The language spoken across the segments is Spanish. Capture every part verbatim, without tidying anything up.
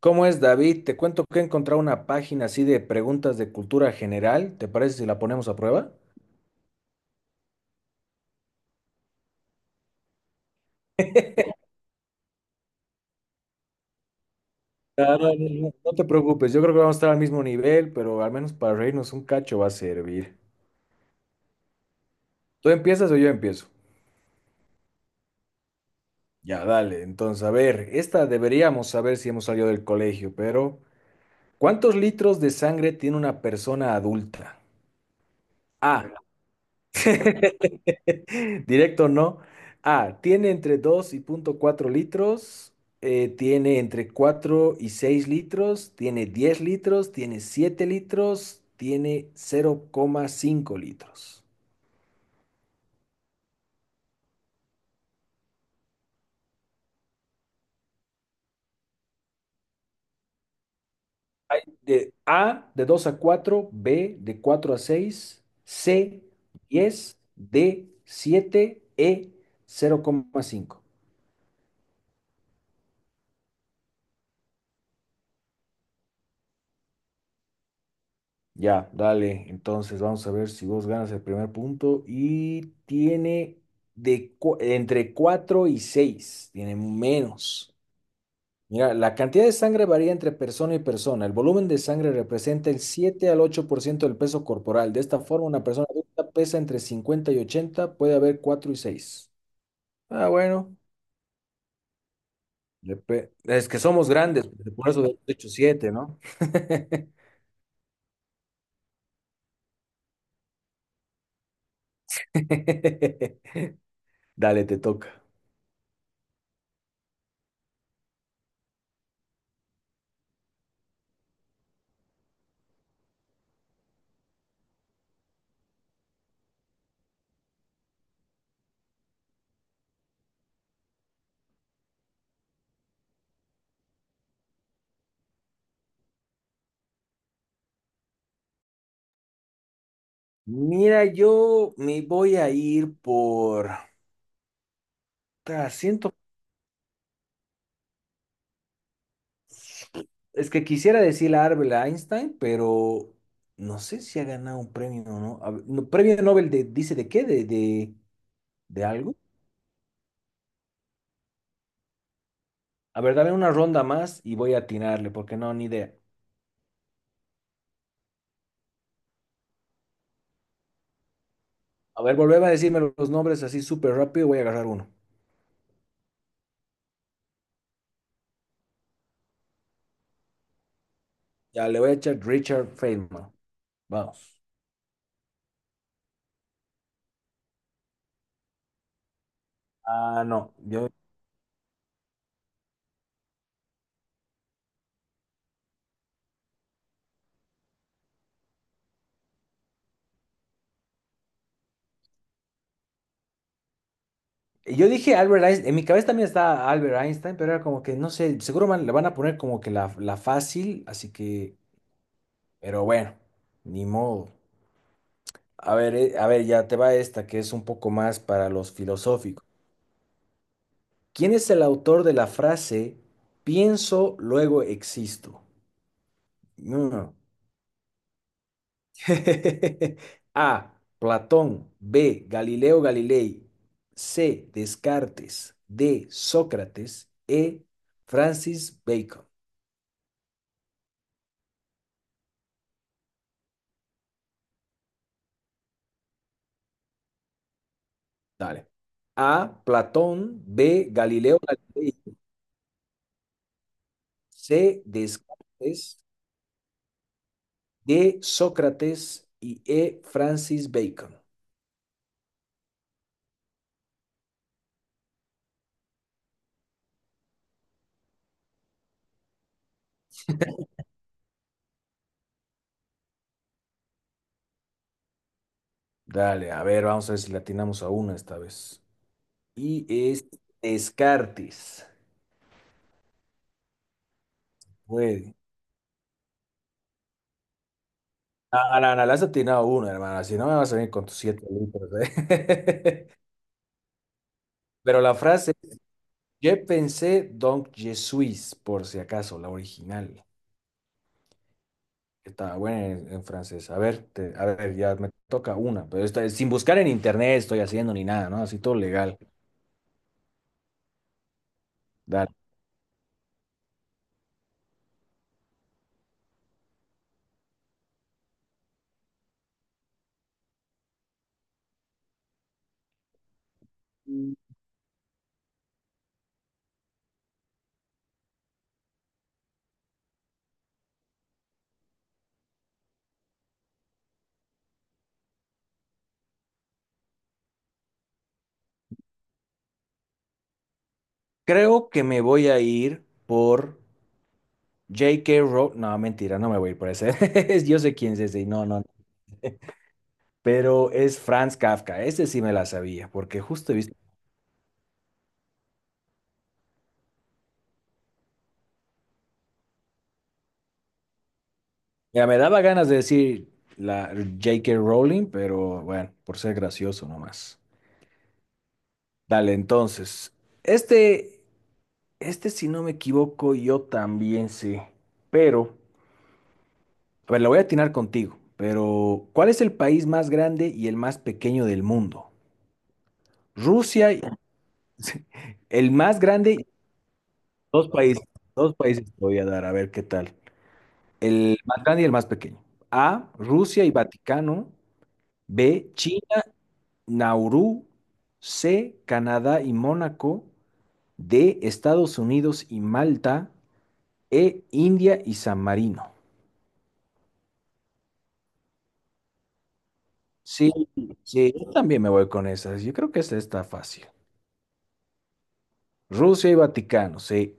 ¿Cómo es, David? Te cuento que he encontrado una página así de preguntas de cultura general. ¿Te parece si la ponemos a prueba? No, no, no, no te preocupes, yo creo que vamos a estar al mismo nivel, pero al menos para reírnos un cacho va a servir. ¿Tú empiezas o yo empiezo? Ya, dale. Entonces, a ver, esta deberíamos saber si hemos salido del colegio, pero ¿cuántos litros de sangre tiene una persona adulta? A. Directo no. A, tiene entre dos y punto cuatro litros, eh, tiene entre cuatro y seis litros, tiene diez litros, tiene siete litros, tiene cero coma cinco litros. Hay de A, de dos a cuatro, B, de cuatro a seis, C, diez, D, siete, E, cero coma cinco. Ya, dale. Entonces vamos a ver si vos ganas el primer punto. Y tiene de cu- entre cuatro y seis. Tiene menos. Mira, la cantidad de sangre varía entre persona y persona. El volumen de sangre representa el siete al ocho por ciento del peso corporal. De esta forma, una persona adulta pesa entre cincuenta y ochenta, puede haber cuatro y seis. Ah, bueno. Dep- Es que somos grandes, por eso de hecho siete, ¿no? Dale, te toca. Mira, yo me voy a ir por... ta, Siento, es que quisiera decir a Albert Einstein, pero no sé si ha ganado un premio o no. A ver, no, ¿Premio Nobel de, dice de qué? ¿De, de, de algo? A ver, dame una ronda más y voy a atinarle, porque no, ni idea. A ver, volveme a decirme los nombres así súper rápido, voy a agarrar uno. Ya, le voy a echar Richard Feynman. Vamos. Ah, no, yo Yo dije Albert Einstein, en mi cabeza también está Albert Einstein, pero era como que, no sé, seguro van- le van a poner como que la, la fácil, así que, pero bueno, ni modo. A ver, eh, a ver, ya te va esta que es un poco más para los filosóficos. ¿Quién es el autor de la frase pienso, luego existo? No. A. Platón. B. Galileo Galilei. C. Descartes. D. Sócrates. E. Francis Bacon. Dale. A, Platón, B, Galileo Galilei, C, Descartes, D, Sócrates y E, Francis Bacon. Dale, a ver, vamos a ver si le atinamos a una esta vez. Y es Descartes. Güey. A, a la Ana, le has atinado una, hermana. Si no, me vas a venir con tus siete litros, ¿eh? Pero la frase, je pensé donc je suis, por si acaso, la original. Está buena en, en francés. A ver, te- a ver, ya me toca una, pero esta es sin buscar en internet estoy haciendo ni nada, ¿no? Así todo legal. Dale. Creo que me voy a ir por J K. Rowling. No, mentira, no me voy a ir por ese. Yo sé quién es ese, y no, no. Pero es Franz Kafka. Este sí me la sabía, porque justo he visto. Ya me daba ganas de decir la J K. Rowling, pero bueno, por ser gracioso nomás. Dale, entonces. Este. Este, si no me equivoco, yo también sé. Pero, a ver, la voy a atinar contigo. Pero, ¿cuál es el país más grande y el más pequeño del mundo? Rusia, y- el más grande, y- dos países, dos países te voy a dar, a ver qué tal. El más grande y el más pequeño. A, Rusia y Vaticano. B, China, Nauru. C, Canadá y Mónaco. D, Estados Unidos y Malta. E, India y San Marino. Sí, sí, yo también me voy con esas. Yo creo que esta está fácil. Rusia y Vaticano, sí.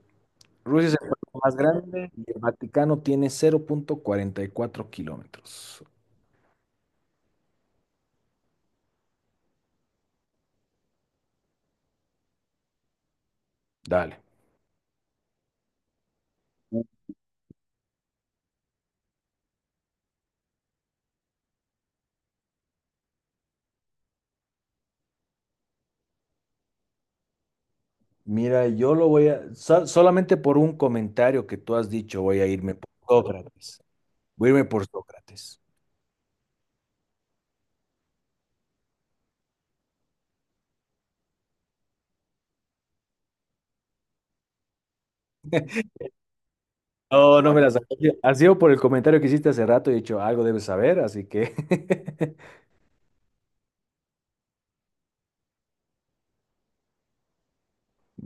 Rusia es el país más grande y el Vaticano tiene cero punto cuarenta y cuatro kilómetros. Dale. Mira, yo lo voy a... so- solamente por un comentario que tú has dicho voy a irme por Sócrates. Voy a irme por Sócrates. No, no me las... Ha sido por el comentario que hiciste hace rato y he dicho, algo debes saber, así que...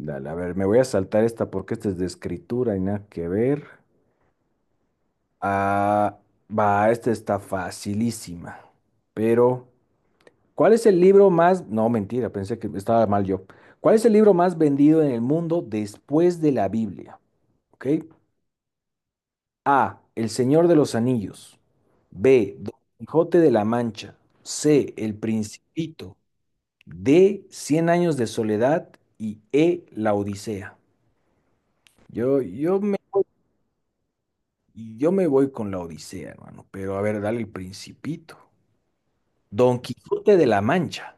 Dale, a ver, me voy a saltar esta porque esta es de escritura y nada que ver. Ah, va, esta está facilísima. Pero, ¿cuál es el libro más... No, mentira, pensé que estaba mal yo. ¿Cuál es el libro más vendido en el mundo después de la Biblia? ¿Ok? A, El Señor de los Anillos. B, Don Quijote de la Mancha. C, El Principito. D, Cien años de soledad. Y E, La Odisea. Yo, yo me, yo me voy con La Odisea, hermano. Pero a ver, dale El Principito. Don Quijote de la Mancha.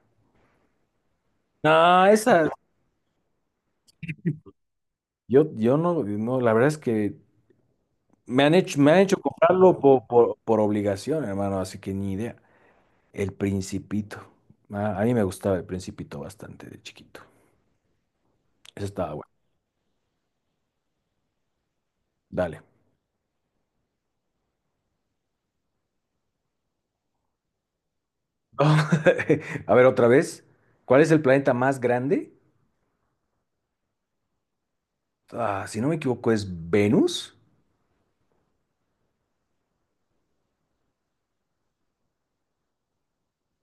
No, esa. Yo, yo no, no, la verdad es que me han hecho, me han hecho comprarlo por, por, por obligación, hermano, así que ni idea. El Principito. Ah, a mí me gustaba el Principito bastante de chiquito. Eso estaba bueno. Dale. A ver, otra vez. ¿Cuál es el planeta más grande? Ah, si no me equivoco, es Venus.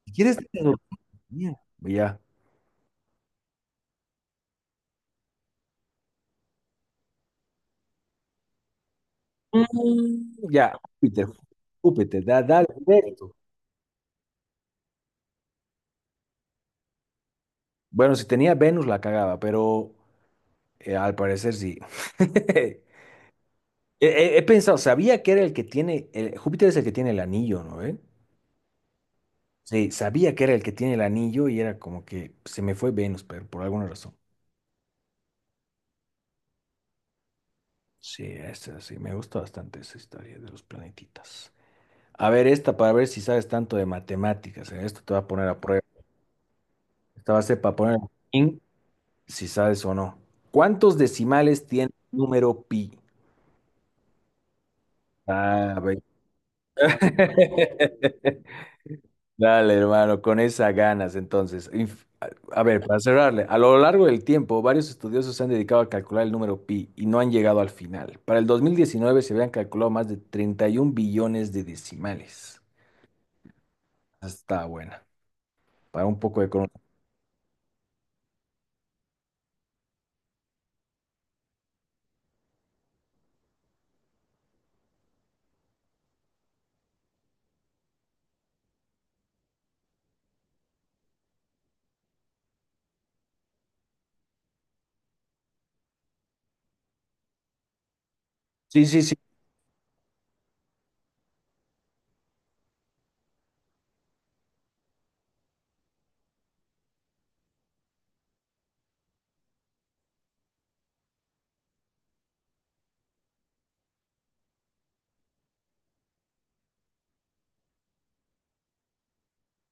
Si quieres, te lo- Ya. Mm. Ya, Júpiter. Júpiter, da, dale. Dale. Bueno, si tenía Venus la cagaba, pero eh, al parecer sí. He, he- he pensado, sabía que era el que tiene, el- Júpiter es el que tiene el anillo, ¿no? ¿Ve? Sí, sabía que era el que tiene el anillo y era como que se me fue Venus, pero por alguna razón. Sí, esa sí, me gusta bastante esa historia de los planetitas. A ver, esta para ver si sabes tanto de matemáticas. eh, Esto te va a poner a prueba. Esta va a ser para poner en si sabes o no. ¿Cuántos decimales tiene el número pi? Ah, ve. Dale, hermano, con esas ganas, entonces. Inf- A a ver, para cerrarle, a lo largo del tiempo, varios estudiosos se han dedicado a calcular el número pi y no han llegado al final. Para el dos mil diecinueve se habían calculado más de treinta y un billones de decimales. Está buena, para un poco de economía. Sí, sí, sí,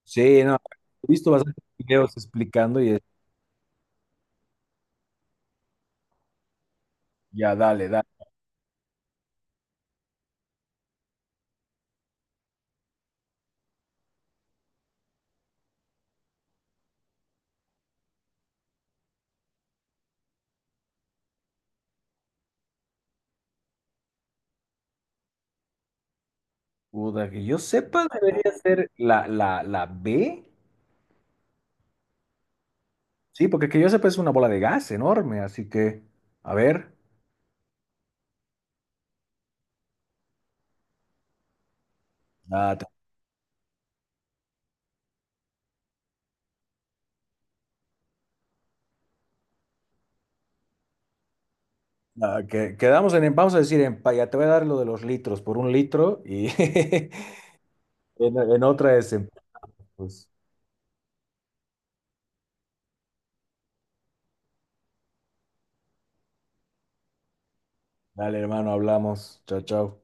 sí, no. He visto bastantes videos explicando y es- ya, dale, dale. Puta, que yo sepa, debería ser la, la, la B. Sí, porque que yo sepa es una bola de gas enorme, así que, a ver. Ah, Ah, que, quedamos en, en- vamos a decir, en, pa- ya te voy a dar lo de los litros por un litro y en, en otra es en- pues, dale, hermano, hablamos. Chao, chao.